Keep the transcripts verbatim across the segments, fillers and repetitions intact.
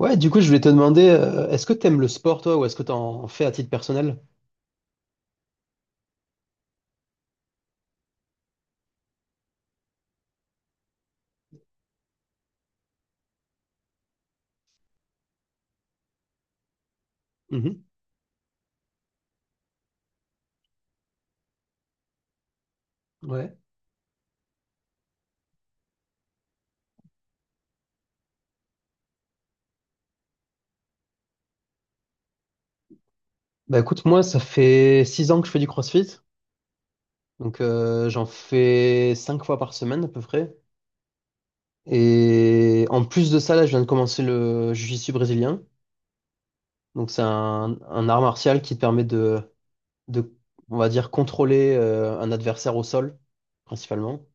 Ouais, du coup, je voulais te demander, euh, est-ce que t'aimes le sport, toi, ou est-ce que t'en fais à titre personnel? Mhm. Ouais. Bah écoute, moi, ça fait six ans que je fais du CrossFit, donc euh, j'en fais cinq fois par semaine à peu près. Et en plus de ça, là, je viens de commencer le jiu-jitsu brésilien, donc c'est un, un art martial qui te permet de, de, on va dire, contrôler euh, un adversaire au sol, principalement.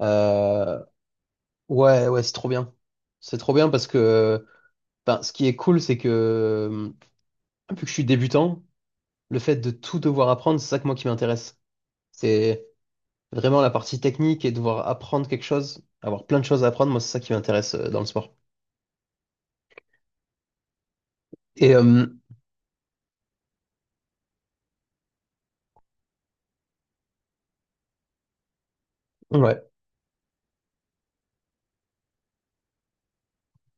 Euh, ouais, ouais, c'est trop bien. C'est trop bien parce que, ben, ce qui est cool, c'est que Vu que je suis débutant, le fait de tout devoir apprendre, c'est ça que moi qui m'intéresse. C'est vraiment la partie technique et devoir apprendre quelque chose, avoir plein de choses à apprendre, moi c'est ça qui m'intéresse euh, dans le sport. Et euh, ouais,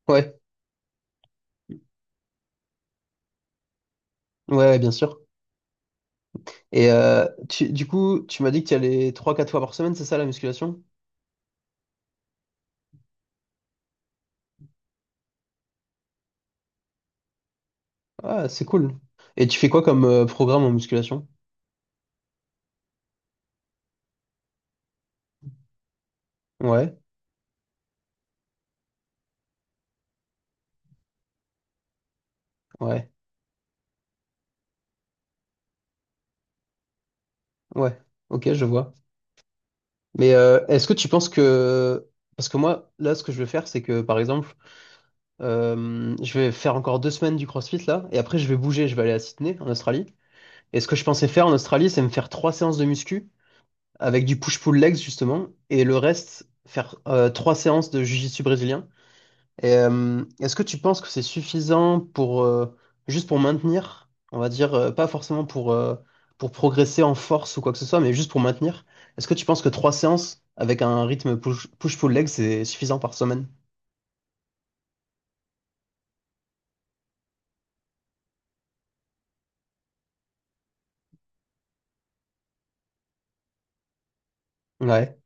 ouais, ouais, ouais, bien sûr. Et euh, tu- du coup, tu m'as dit que tu y allais trois, quatre fois par semaine, c'est ça la musculation? Ah, c'est cool. Et tu fais quoi comme euh, programme en musculation? Ouais, ouais, ouais. Ok, je vois. Mais euh, est-ce que tu penses que... Parce que moi, là, ce que je veux faire, c'est que, par exemple, Euh, je vais faire encore deux semaines du CrossFit là, et après je vais bouger, je vais aller à Sydney, en Australie. Et ce que je pensais faire en Australie, c'est me faire trois séances de muscu avec du push-pull legs justement, et le reste faire euh, trois séances de jiu-jitsu brésilien. Et, euh, est-ce que tu penses que c'est suffisant pour euh, juste pour maintenir, on va dire, euh, pas forcément pour euh, pour progresser en force ou quoi que ce soit, mais juste pour maintenir? Est-ce que tu penses que trois séances avec un rythme push- push-pull legs c'est suffisant par semaine? Ouais,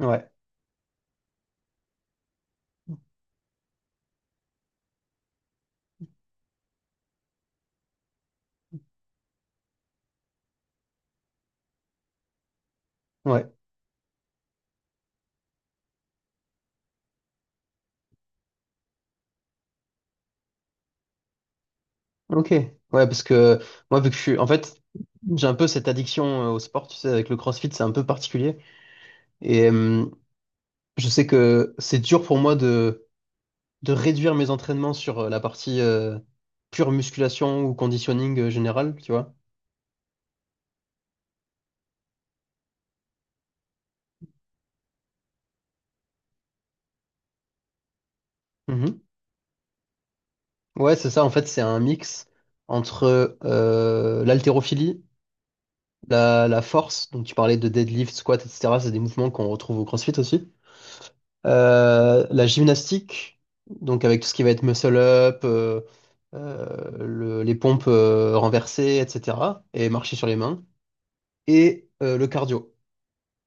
ouais, ouais. Ok, ouais, parce que moi, vu que je suis, en fait, j'ai un peu cette addiction euh, au sport, tu sais, avec le CrossFit, c'est un peu particulier. Et euh, je sais que c'est dur pour moi de, de réduire mes entraînements sur euh, la partie euh, pure musculation ou conditioning euh, général, tu vois. Mhm. Ouais, c'est ça, en fait, c'est un mix entre euh, l'haltérophilie, la, la force, donc tu parlais de deadlift, squat, et cetera, c'est des mouvements qu'on retrouve au CrossFit aussi. Euh, la gymnastique, donc avec tout ce qui va être muscle up, euh, euh, les pompes euh, renversées, et cetera. Et marcher sur les mains. Et euh, le cardio.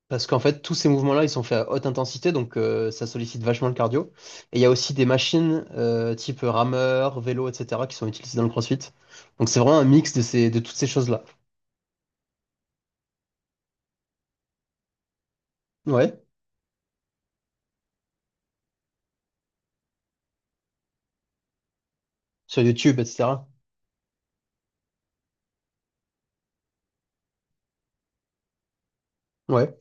Parce qu'en fait, tous ces mouvements-là, ils sont faits à haute intensité, donc euh, ça sollicite vachement le cardio. Et il y a aussi des machines euh, type rameur, vélo, et cetera qui sont utilisées dans le CrossFit. Donc c'est vraiment un mix de ces, de toutes ces choses-là. Ouais, sur YouTube, et cetera. Ouais,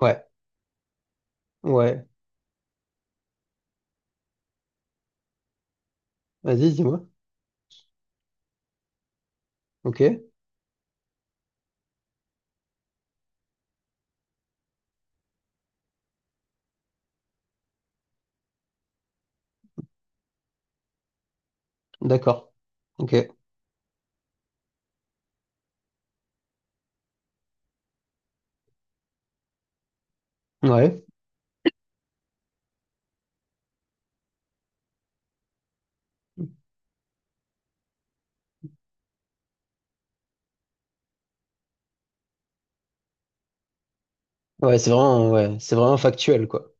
ouais, ouais. Vas-y, dis-moi. Ok, d'accord. Ok, ouais. Ouais, c'est vraiment, ouais, c'est vraiment factuel, quoi.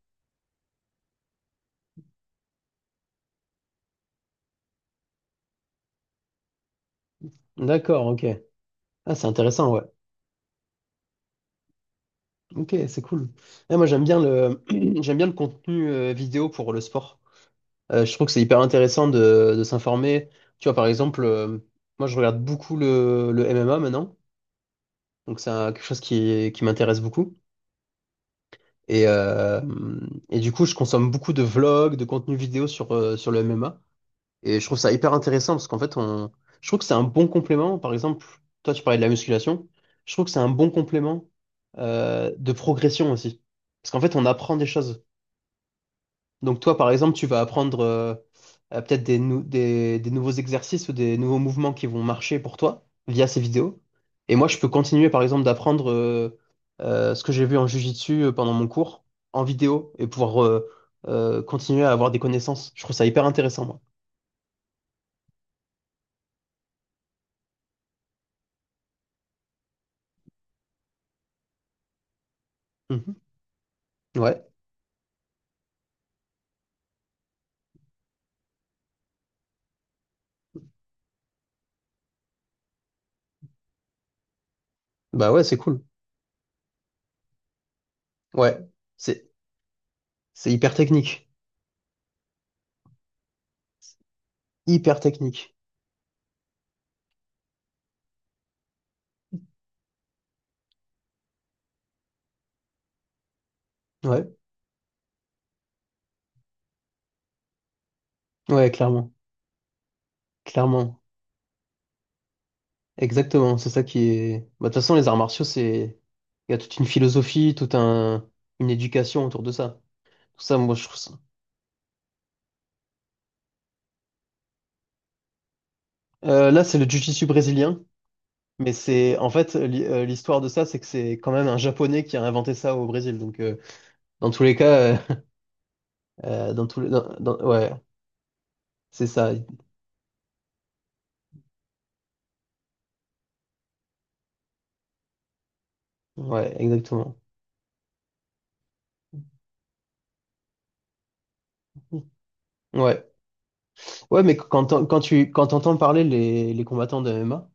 D'accord, ok. Ah, c'est intéressant, ouais. Ok, c'est cool. Ouais, moi, j'aime bien le, j'aime bien le contenu euh, vidéo pour le sport. Euh, je trouve que c'est hyper intéressant de, de s'informer. Tu vois, par exemple, euh, moi, je regarde beaucoup le, le M M A maintenant. Donc, c'est un- quelque chose qui, qui m'intéresse beaucoup. Et, euh, et du coup, je consomme beaucoup de vlogs, de contenu vidéo sur, euh, sur le M M A. Et je trouve ça hyper intéressant parce qu'en fait, on... je trouve que c'est un bon complément. Par exemple, toi, tu parlais de la musculation. Je trouve que c'est un bon complément euh, de progression aussi. Parce qu'en fait, on apprend des choses. Donc, toi, par exemple, tu vas apprendre euh, euh, peut-être des, nou- des, des nouveaux exercices ou des nouveaux mouvements qui vont marcher pour toi via ces vidéos. Et moi, je peux continuer, par exemple, d'apprendre euh, euh, ce que j'ai vu en jiu-jitsu euh, pendant mon cours en vidéo et pouvoir euh, euh, continuer à avoir des connaissances. Je trouve ça hyper intéressant, moi. Mhm. Ouais. Bah ouais, c'est cool. Ouais, c'est c'est hyper technique. Hyper technique. Ouais, ouais, clairement. Clairement. Exactement, c'est ça qui est... Bah, de toute façon, les arts martiaux, c'est... Il y a toute une philosophie, toute un... une éducation autour de ça. Tout ça, moi, je trouve ça... Euh, là, c'est le jiu-jitsu brésilien, mais c'est... En fait, l'hi- euh, l'histoire de ça, c'est que c'est quand même un Japonais qui a inventé ça au Brésil. Donc, euh, dans tous les cas, euh, euh, dans tous les... dans- dans- Ouais, c'est ça. Ouais, exactement. Ouais. Ouais, mais quand, t'en- quand tu quand t'entends parler les, les combattants de M M A,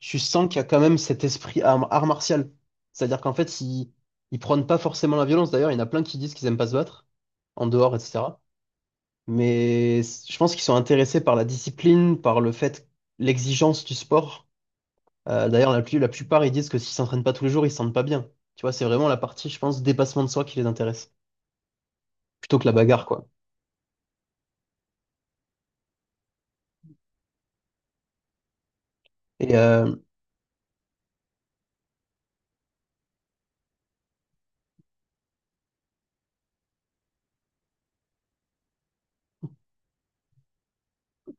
tu sens qu'il y a quand même cet esprit arme- art, martial. C'est-à-dire qu'en fait, ils, ils prônent pas forcément la violence. D'ailleurs, il y en a plein qui disent qu'ils aiment pas se battre, en dehors, et cetera. Mais c- je pense qu'ils sont intéressés par la discipline, par le fait, l'exigence du sport. Euh, d'ailleurs, la, plus- la plupart, ils disent que s'ils s'entraînent pas tous les jours, ils se sentent pas bien. Tu vois, c'est vraiment la partie, je pense, dépassement de soi qui les intéresse, plutôt que la bagarre, quoi. Et euh,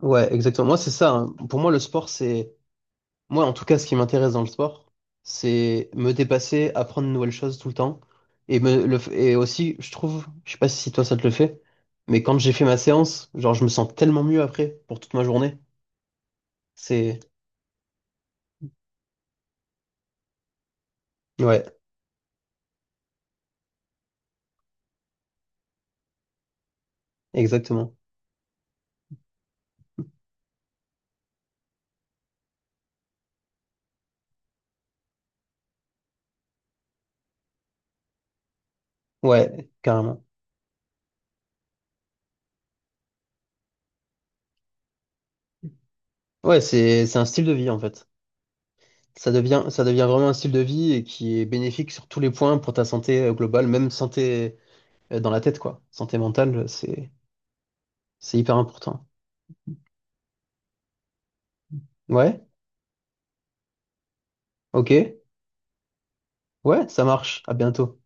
ouais, exactement. Moi, c'est ça, hein. Pour moi, le sport, c'est... Moi, en tout cas, ce qui m'intéresse dans le sport, c'est me dépasser, apprendre de nouvelles choses tout le temps. Et, me, le, f- et aussi, je trouve, je sais pas si toi ça te le fait, mais quand j'ai fait ma séance, genre, je me sens tellement mieux après pour toute ma journée. C'est. Ouais, exactement. Ouais, carrément. Ouais, c'est, c'est un style de vie en fait. Ça devient, ça devient vraiment un style de vie et qui est bénéfique sur tous les points pour ta santé euh, globale, même santé euh, dans la tête, quoi. Santé mentale, c'est, c'est hyper important. Ouais, ok. Ouais, ça marche. À bientôt.